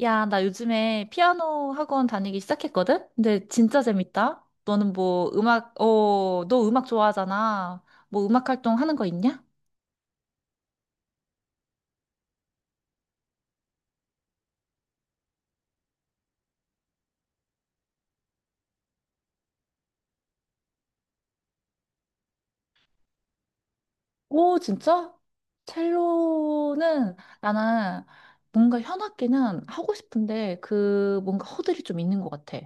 야, 나 요즘에 피아노 학원 다니기 시작했거든? 근데 진짜 재밌다. 너는 뭐 음악, 너 음악 좋아하잖아. 뭐 음악 활동 하는 거 있냐? 오, 진짜? 첼로는 나는 뭔가 현악기는 하고 싶은데 그 뭔가 허들이 좀 있는 것 같아.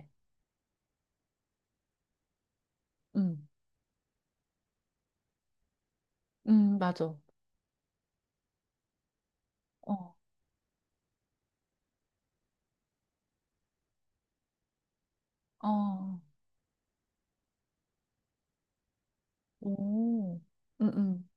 응, 응, 맞아. 어, 어, 오, 응, 응.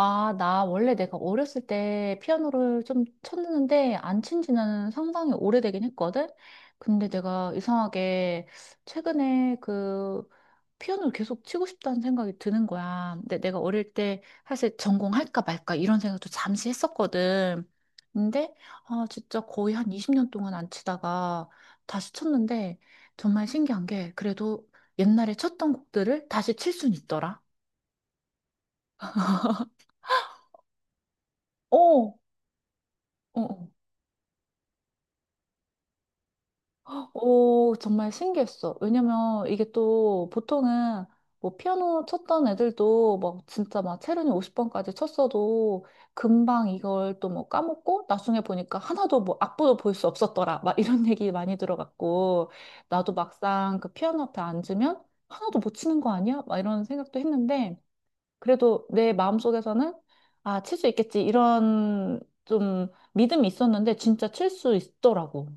아, 나 원래 내가 어렸을 때 피아노를 좀 쳤는데 안 친 지는 상당히 오래되긴 했거든? 근데 내가 이상하게 최근에 그 피아노를 계속 치고 싶다는 생각이 드는 거야. 근데 내가 어릴 때 사실 전공할까 말까 이런 생각도 잠시 했었거든. 근데 아, 진짜 거의 한 20년 동안 안 치다가 다시 쳤는데 정말 신기한 게 그래도 옛날에 쳤던 곡들을 다시 칠 순 있더라. 어, 어. 어. 오, 정말 신기했어. 왜냐면 이게 또 보통은 뭐 피아노 쳤던 애들도 막 진짜 막 체르니 50번까지 쳤어도 금방 이걸 또 뭐 까먹고 나중에 보니까 하나도 뭐 악보도 볼 수 없었더라. 막 이런 얘기 많이 들어갔고 나도 막상 그 피아노 앞에 앉으면 하나도 못 치는 거 아니야? 막 이런 생각도 했는데 그래도 내 마음속에서는 아, 칠 수 있겠지. 이런 좀 믿음이 있었는데 진짜 칠 수 있더라고.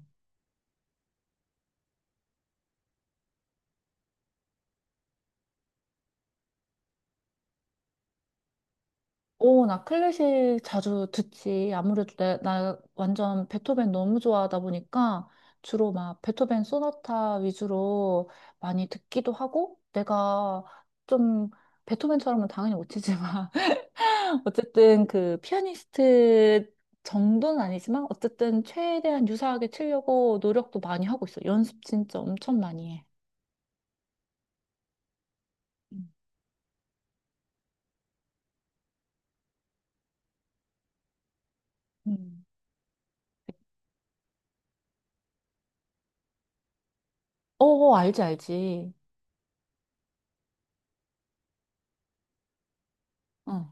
오, 나 클래식 자주 듣지. 아무래도 내, 나 완전 베토벤 너무 좋아하다 보니까 주로 막 베토벤 소나타 위주로 많이 듣기도 하고 내가 좀 베토벤처럼은 당연히 못 치지만 어쨌든 그 피아니스트 정도는 아니지만 어쨌든 최대한 유사하게 치려고 노력도 많이 하고 있어. 연습 진짜 엄청 많이 해. 음. 음. 어, 알지, 알지. 어.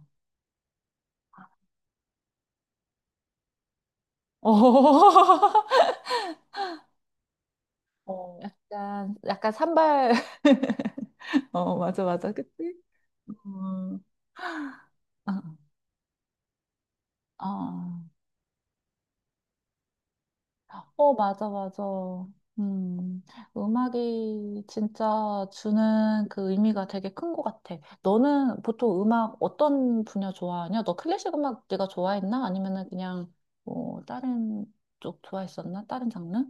어. 어, 약간, 약간 산발. 어, 맞아, 맞아. 그치? 음, 어, 어, 어, 맞아, 맞아. 음, 음악이 진짜 주는 그 의미가 되게 큰 것 같아. 너는 보통 음악 어떤 분야 좋아하냐? 너 클래식 음악 네가 좋아했나? 아니면은 그냥 뭐 다른 쪽 좋아했었나? 다른 장르?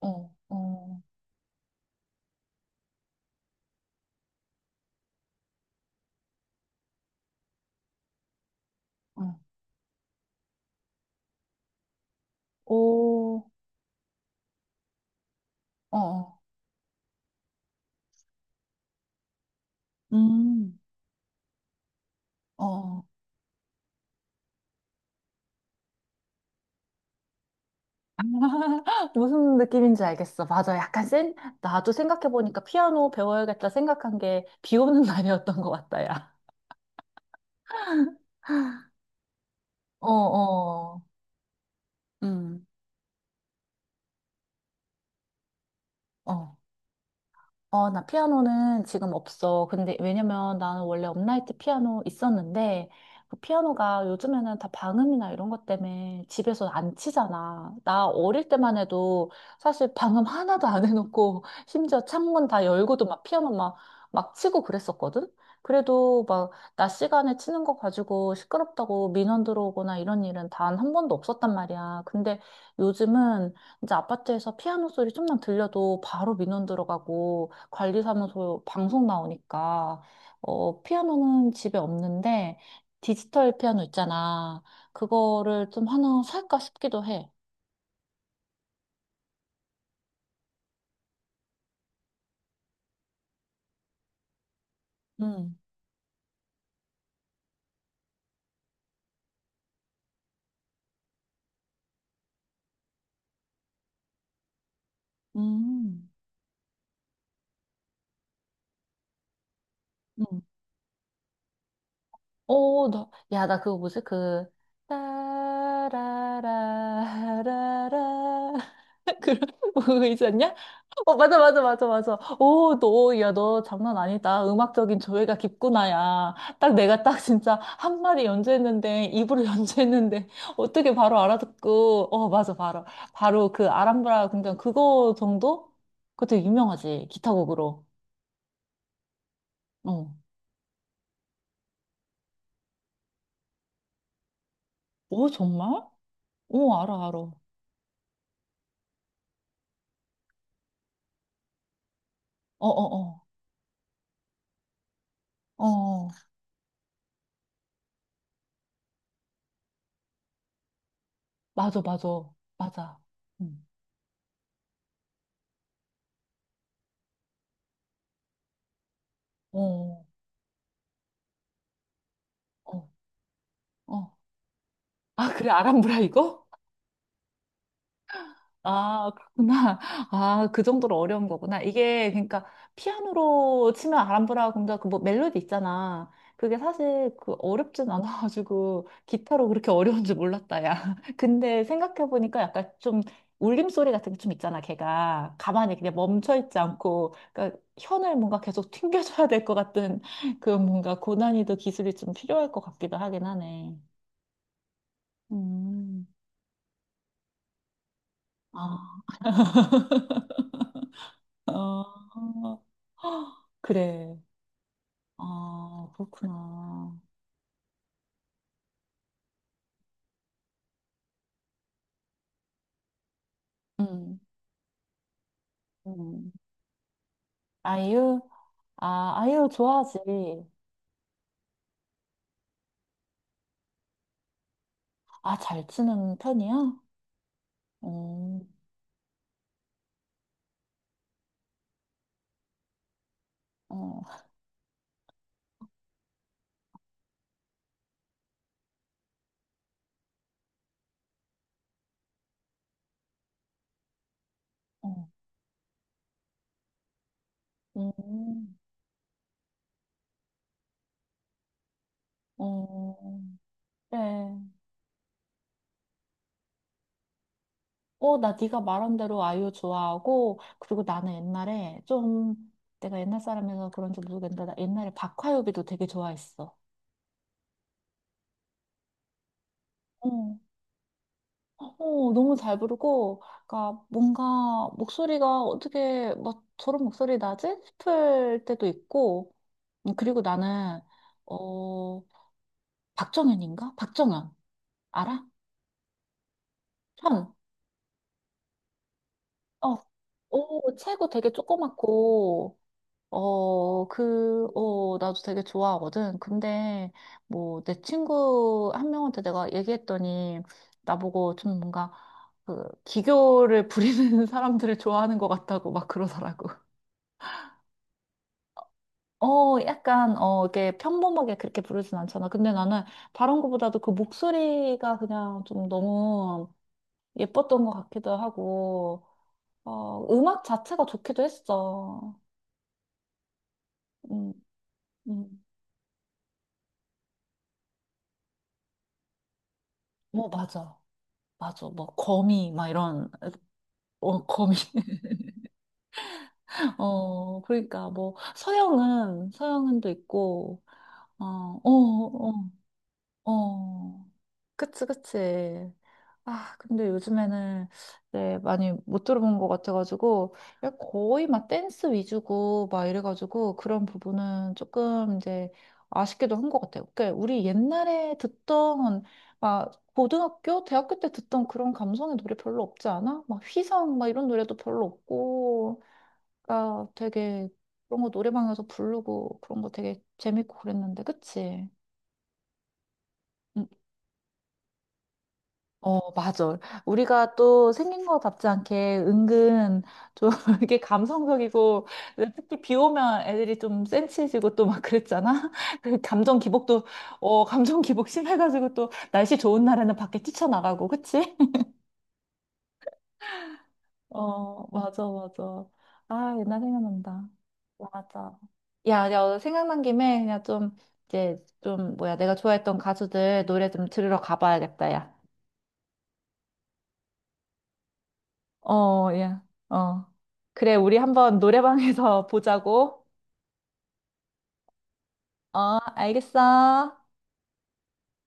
어, 어, 어, 오, 어, 어, 음, 어. 어. 무슨 느낌인지 알겠어. 맞아. 약간 센, 나도 생각해보니까 피아노 배워야겠다 생각한 게 비 오는 날이었던 것 같다, 야. 어, 어. 음, 어. 어, 나 피아노는 지금 없어. 근데 왜냐면 나는 원래 업라이트 피아노 있었는데 그 피아노가 요즘에는 다 방음이나 이런 것 때문에 집에서 안 치잖아. 나 어릴 때만 해도 사실 방음 하나도 안 해놓고 심지어 창문 다 열고도 막 피아노 막, 막 치고 그랬었거든? 그래도 막 낮 시간에 치는 거 가지고 시끄럽다고 민원 들어오거나 이런 일은 단 한 번도 없었단 말이야. 근데 요즘은 이제 아파트에서 피아노 소리 좀만 들려도 바로 민원 들어가고 관리사무소 방송 나오니까 어 피아노는 집에 없는데 디지털 피아노 있잖아. 그거를 좀 하나 살까 싶기도 해. 음. 음. 음. 오, 나, 야, 나 그거 뭐지? 그, 따라라라라라. 그런, 그거 있지 않냐? 어, 맞아, 맞아, 맞아, 맞아. 오, 너, 야, 너 장난 아니다. 음악적인 조예가 깊구나, 야. 딱 내가 딱 진짜 한 마디 연주했는데, 입으로 연주했는데, 어떻게 바로 알아듣고, 어, 맞아, 바로. 바로 그 아람브라 궁전 그거 정도? 그거 되게 유명하지. 기타곡으로. 어. 오, 정말? 오, 알아, 알아. 어, 어, 어. 어. 어. 맞아, 맞아, 맞아. 음. 어, 어, 어. 아, 그래, 아람브라 이거? 아, 그렇구나. 아, 그 정도로 어려운 거구나. 이게, 그러니까, 피아노로 치면 아람브라 공작, 그뭐 멜로디 있잖아. 그게 사실 그 어렵진 않아가지고, 기타로 그렇게 어려운 줄 몰랐다, 야. 근데 생각해보니까 약간 좀 울림소리 같은 게 좀 있잖아, 걔가. 가만히 그냥 멈춰있지 않고, 그러니까 현을 뭔가 계속 튕겨줘야 될 것 같은 그 뭔가 고난이도 기술이 좀 필요할 것 같기도 하긴 하네. 음. 아, 어, 어. 그래. 아, 그렇구나. 음, 음. 아이유? 아, 아이유 좋아하지. 아, 잘 치는 편이야? 음, 어, 어, 음, 어, 그래. 어, 나 네가 말한 대로 아이유 좋아하고, 그리고 나는 옛날에 좀, 내가 옛날 사람이라서 그런지 모르겠는데, 나 옛날에 박화요비도 되게 좋아했어. 어, 너무 잘 부르고, 그러니까 뭔가 목소리가 어떻게 막 저런 목소리 나지? 싶을 때도 있고, 그리고 나는, 어, 박정현인가? 박정현. 알아? 현. 어, 오, 체구 되게 조그맣고, 어, 그, 어, 나도 되게 좋아하거든. 근데, 뭐, 내 친구 한 명한테 내가 얘기했더니, 나보고 좀 뭔가, 그, 기교를 부리는 사람들을 좋아하는 것 같다고 막 그러더라고. 어, 약간, 어, 이게 평범하게 그렇게 부르진 않잖아. 근데 나는 바른것보다도 그 목소리가 그냥 좀 너무 예뻤던 것 같기도 하고, 어, 음악 자체가 좋기도 했어. 음, 음. 어, 맞아. 맞아. 뭐 거미 막 이런 어 거미. 어 그러니까 뭐 서영은도 있고 어어어어 그치, 그치. 아, 근데 요즘에는 이제 많이 못 들어본 것 같아가지고, 야, 거의 막 댄스 위주고, 막 이래가지고, 그런 부분은 조금 이제 아쉽기도 한 것 같아요. 그러니까 우리 옛날에 듣던, 막, 고등학교, 대학교 때 듣던 그런 감성의 노래 별로 없지 않아? 막 휘성, 막 이런 노래도 별로 없고, 아, 되게 그런 거 노래방에서 부르고, 그런 거 되게 재밌고 그랬는데, 그치? 응, 어, 맞아. 우리가 또 생긴 거답지 않게 은근 좀 이렇게 감성적이고 특히 비 오면 애들이 좀 센치해지고 또 막 그랬잖아. 그 감정 기복도 어, 감정 기복 심해가지고 또 날씨 좋은 날에는 밖에 뛰쳐나가고, 그치? 어, 맞아, 맞아. 아, 옛날 생각난다. 맞아. 야, 야, 생각난 김에 그냥 좀 이제 좀 뭐야 내가 좋아했던 가수들 노래 좀 들으러 가봐야겠다, 야. 어, 예. 어. 그래, 우리 한번 노래방에서 보자고. 어, 알겠어.